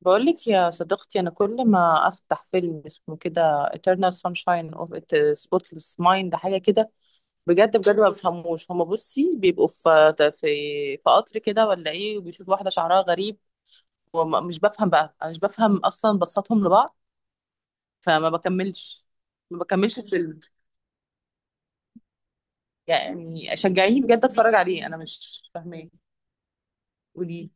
بقولك يا صديقتي، أنا كل ما أفتح فيلم اسمه كده Eternal Sunshine of a Spotless Mind حاجة كده، بجد بجد ما بفهموش. هما بصي بيبقوا في في قطر كده ولا إيه، وبيشوفوا واحدة شعرها غريب، ومش بفهم بقى. أنا مش بفهم أصلا بصاتهم لبعض، فما بكملش ما بكملش الفيلم. يعني شجعيني بجد أتفرج عليه، أنا مش فاهماه. قولي.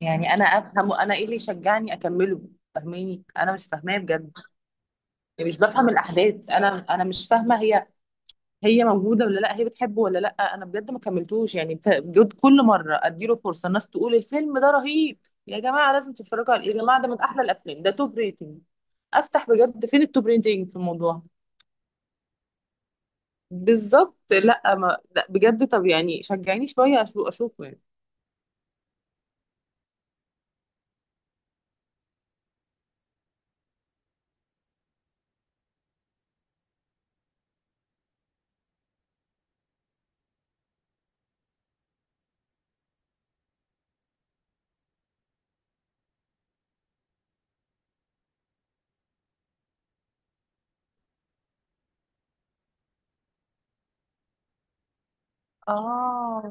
يعني أنا أفهمه، أنا إيه اللي يشجعني أكمله؟ فاهماني؟ أنا مش فاهماه بجد. يعني مش بفهم الأحداث. أنا مش فاهمة. هي موجوده ولا لا، هي بتحبه ولا لا؟ انا بجد ما كملتوش، يعني بجد كل مره اديله فرصه. الناس تقول الفيلم ده رهيب، يا جماعه لازم تتفرجوا عليه، يا جماعه ده من احلى الافلام، ده توب ريتنج. افتح بجد، فين التوب ريتنج في الموضوع؟ بالظبط. لا ما لا بجد، طب يعني شجعيني شويه اشوفه يعني. اه،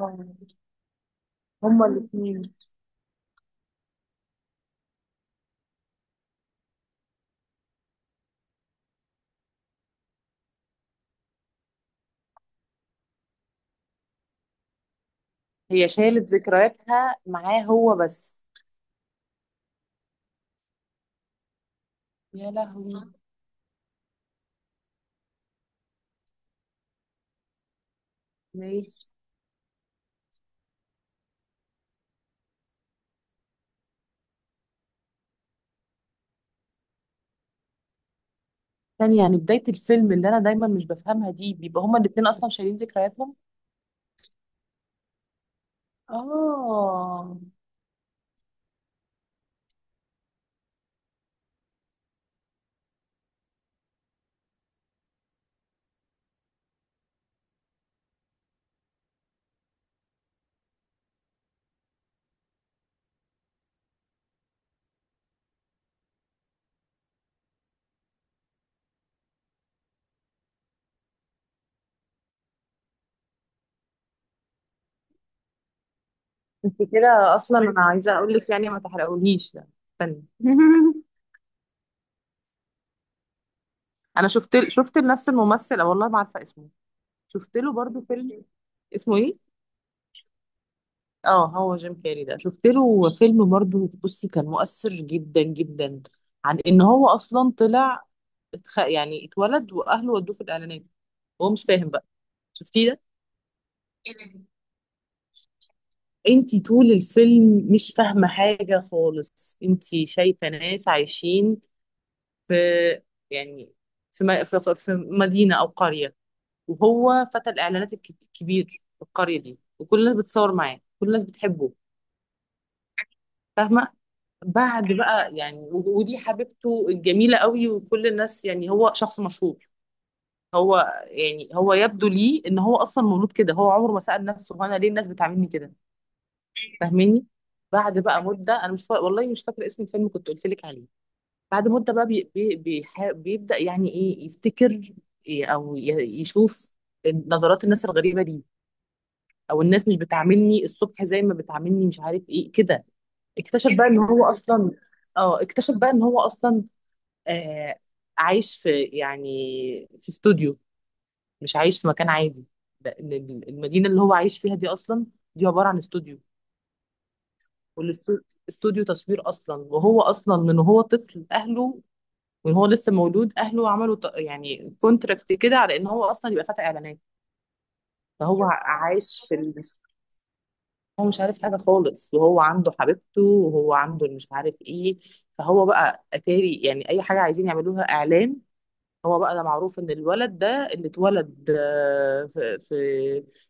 هما الاثنين. هي شالت ذكرياتها معاه هو بس. يا لهوي. ماشي. ثانية، يعني بداية الفيلم اللي أنا دايما مش بفهمها دي بيبقى هما الاتنين أصلا شايلين ذكرياتهم؟ اه. انت كده اصلا، انا عايزه اقول لك يعني ما تحرقوليش، لا. استني انا شفت، شفت لنفس الممثل، والله ما عارفه اسمه. شفت له برضو فيلم. اسمه ايه؟ اه هو جيم كاري ده، شفت له فيلم برضو. بصي كان مؤثر جدا جدا. عن ان هو اصلا طلع، يعني اتولد واهله ودوه في الاعلانات، وهو مش فاهم بقى. شفتيه ده؟ انت طول الفيلم مش فاهمه حاجه خالص، انت شايفه ناس عايشين في، يعني في في مدينة أو قرية، وهو فتى الإعلانات الكبير في القرية دي، وكل الناس بتصور معاه، كل الناس بتحبه. فاهمة؟ بعد بقى يعني ودي حبيبته الجميلة قوي، وكل الناس يعني هو شخص مشهور. هو يعني هو يبدو لي ان هو اصلا مولود كده، هو عمره ما سأل نفسه، هو انا ليه الناس بتعاملني كده. فاهميني؟ بعد بقى مدة انا مش فا... والله مش فاكرة اسم الفيلم كنت قلت لك عليه. بعد مدة بقى بيبدأ يعني ايه يفتكر، إيه او يشوف نظرات الناس الغريبة دي، او الناس مش بتعاملني الصبح زي ما بتعاملني، مش عارف ايه كده. اكتشف بقى ان هو اصلا اه اكتشف بقى ان هو اصلا آه عايش في، يعني في استوديو، مش عايش في مكان عادي، لان المدينة اللي هو عايش فيها دي اصلا، دي عبارة عن استوديو. والاستوديو تصوير اصلا، وهو اصلا من وهو طفل اهله، وان هو لسه مولود اهله عملوا يعني كونتراكت كده على ان هو اصلا يبقى فتى اعلانات. فهو عايش في هو مش عارف حاجه خالص، وهو عنده حبيبته وهو عنده مش عارف ايه. فهو بقى اتاري يعني اي حاجه عايزين يعملوها اعلان، هو بقى ده معروف ان الولد ده اللي اتولد في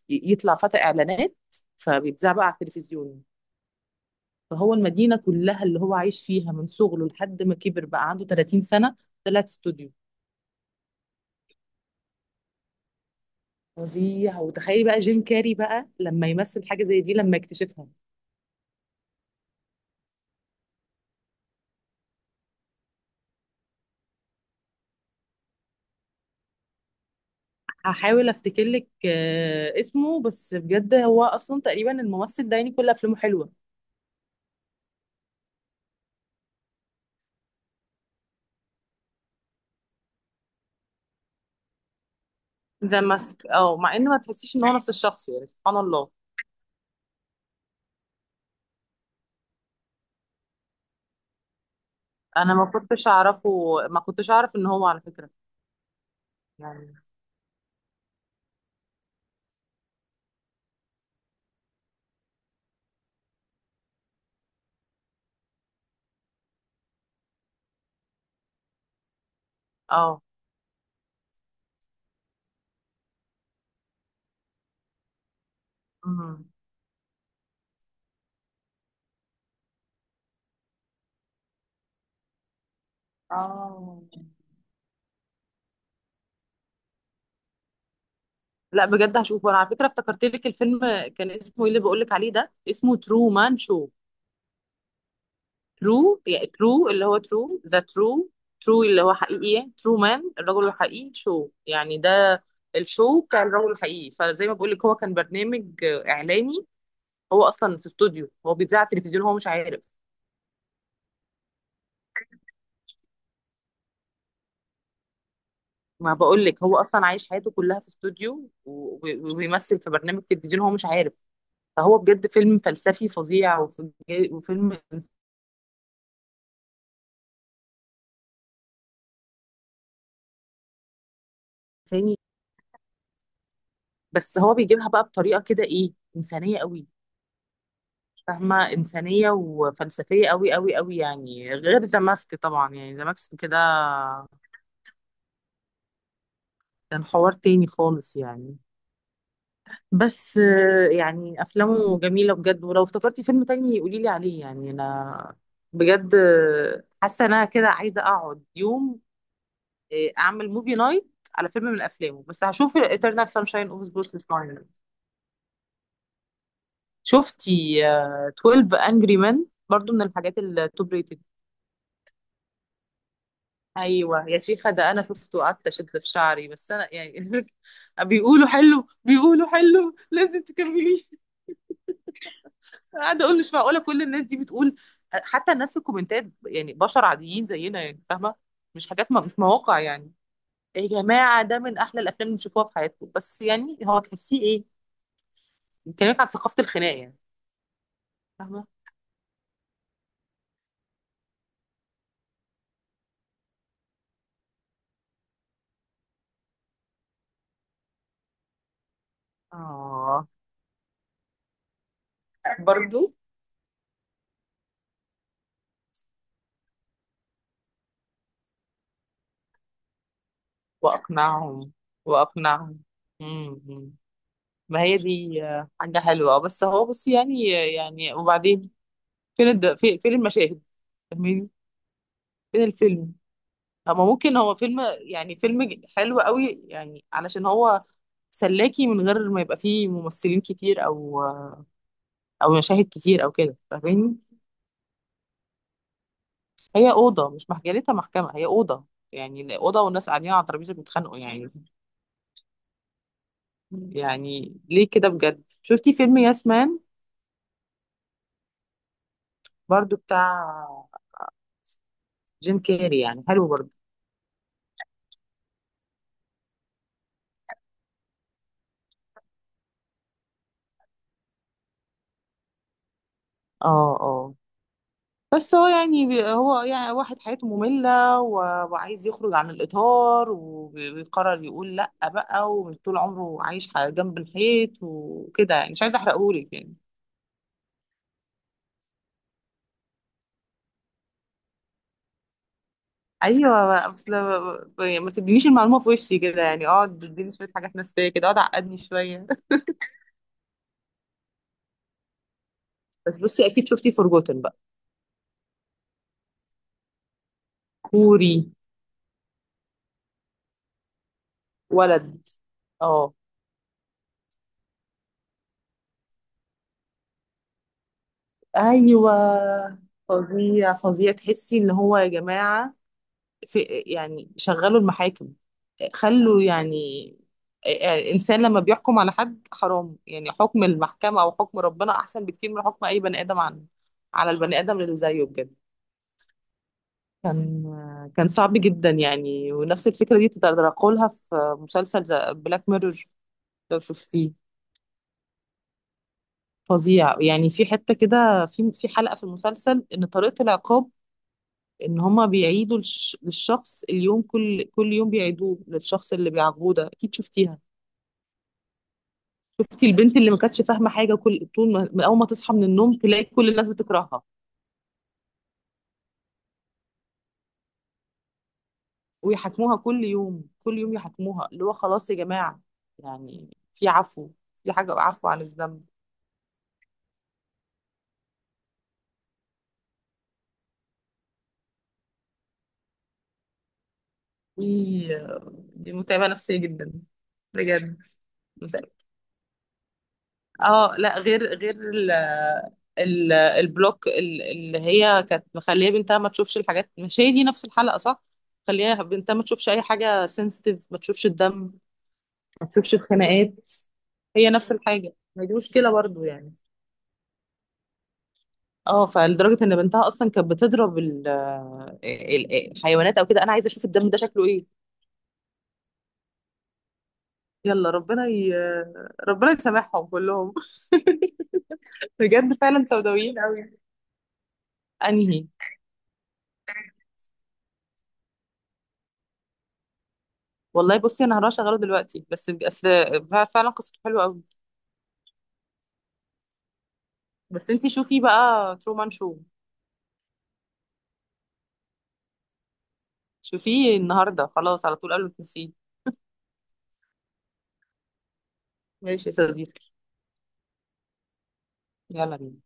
يطلع فتى اعلانات، فبيتذاع بقى على التلفزيون. فهو المدينه كلها اللي هو عايش فيها من صغره لحد ما كبر بقى عنده 30 سنه طلعت استوديو. فظيع! وتخيلي بقى جيم كاري بقى لما يمثل حاجة زي دي لما اكتشفها. هحاول افتكر لك اسمه، بس بجد هو اصلا تقريبا الممثل ده يعني كل افلامه حلوة. ذا ماسك، اه، مع ان ما تحسيش ان هو نفس الشخص، يعني سبحان الله. انا ما كنتش اعرفه، ما كنتش اعرف ان هو على فكرة يعني. اه. أمم. اه، لا بجد هشوفه انا على فكرة، افتكرت لك الفيلم. كان اسمه ايه اللي بقول لك عليه ده؟ اسمه ترو مان شو. ترو يعني ترو، اللي هو ترو، ذا ترو. ترو اللي هو حقيقي، ترو مان الرجل الحقيقي، شو يعني ده الشو بتاع الرجل الحقيقي. فزي ما بقول لك هو كان برنامج اعلاني، هو اصلا في استوديو، هو بيتذاع على التلفزيون، هو مش عارف. ما بقول لك هو اصلا عايش حياته كلها في استوديو وبيمثل في برنامج تلفزيون هو مش عارف. فهو بجد فيلم فلسفي فظيع وفيلم انساني، بس هو بيجيبها بقى بطريقه كده ايه انسانيه قوي. فاهمة؟ إنسانية وفلسفية أوي أوي أوي يعني، غير ذا ماسك طبعا. يعني ذا ماسك كده كان حوار تاني خالص يعني. بس يعني أفلامه جميلة بجد، ولو افتكرتي فيلم تاني قوليلي عليه يعني. أنا بجد حاسة إن أنا كده عايزة أقعد يوم، أعمل موفي نايت على فيلم من أفلامه، بس هشوف Eternal Sunshine of the Spotless Mind. شفتي 12 Angry Men؟ برضو من الحاجات التوب ريتد. ايوه يا شيخه ده انا شفته، قعدت اشد في شعري، بس انا يعني بيقولوا حلو، بيقولوا حلو لازم تكمليه. قاعده اقول مش معقوله كل الناس دي بتقول. حتى الناس في الكومنتات يعني بشر عاديين زينا يعني، فاهمه؟ مش حاجات، ما مش مواقع يعني. يا جماعه ده من احلى الافلام اللي تشوفوها في حياتكم، بس يعني هو تحسيه ايه، بيكلمك عن ثقافه الخناق يعني. فاهمه؟ اه برضو. واقنعهم. واقنعهم. امم. ما هي دي حاجة حلوة، بس هو بصي يعني. يعني وبعدين؟ فين المشاهد؟ فاهماني؟ فين الفيلم؟ هما ممكن هو فيلم يعني فيلم حلو قوي يعني، علشان هو سلاكي من غير ما يبقى فيه ممثلين كتير او او مشاهد كتير او كده. فاهماني؟ هي أوضة مش مجالتها محكمة، هي أوضة يعني، أوضة والناس قاعدين على ترابيزة بيتخانقوا يعني. يعني ليه كده بجد؟ شفتي فيلم ياسمان؟ برضو بتاع جيم كاري يعني، حلو برضو اه. بس هو يعني هو يعني واحد حياته مملة وعايز يخرج عن الإطار، ويقرر يقول لأ بقى، ومش طول عمره عايش جنب الحيط وكده. يعني مش عايزة أحرقهولك يعني. أيوة أصل. ما تدينيش المعلومة في وشي كده يعني، اقعد اديني شوية حاجات نفسية كده، اقعد عقدني شوية بس بصي أكيد شفتي فورجوتن بقى؟ كوري ولد. اه. أيوة. فظيع، فظيع! تحسي إن هو يا جماعة في، يعني شغلوا المحاكم، خلوا يعني. يعني الإنسان لما بيحكم على حد حرام، يعني حكم المحكمة أو حكم ربنا أحسن بكتير من حكم أي بني آدم عن على البني آدم اللي زيه بجد. كان صعب جدا يعني. ونفس الفكرة دي تطرقوا لها في مسلسل بلاك ميرور، لو شفتيه. فظيع يعني! في حتة كده، في حلقة في المسلسل إن طريقة العقاب إن هما بيعيدوا للشخص اليوم، كل كل يوم بيعيدوه للشخص اللي بيعاقبوه ده. أكيد شفتيها. شفتي البنت اللي ما كانتش فاهمه حاجه، كل طول ما من اول ما تصحى من النوم تلاقي كل الناس بتكرهها. ويحاكموها كل يوم، كل يوم يحاكموها، اللي هو خلاص يا جماعه يعني في عفو، في حاجه عفو عن الذنب. وي- دي متعبه نفسيه جدا بجد. متعبة. اه، لا غير غير ال البلوك اللي هي كانت مخليه بنتها ما تشوفش الحاجات، مش هي دي نفس الحلقه صح؟ خليها بنتها ما تشوفش اي حاجه سنسيتيف، ما تشوفش الدم، ما تشوفش الخناقات. هي نفس الحاجة، ما دي مشكلة برضو يعني. اه فلدرجة ان بنتها اصلا كانت بتضرب الحيوانات او كده، انا عايزة اشوف الدم ده شكله ايه. يلا ربنا يسامحهم كلهم بجد فعلا سوداويين قوي. انهي؟ والله بصي انا هروح اشغله دلوقتي بس بس، فعلا قصته حلوة قوي. بس انتي شوفي بقى ترومان شو، شوفيه النهاردة خلاص على طول قبل ما تنسيه. ماشي يا صديقي. يلا بينا.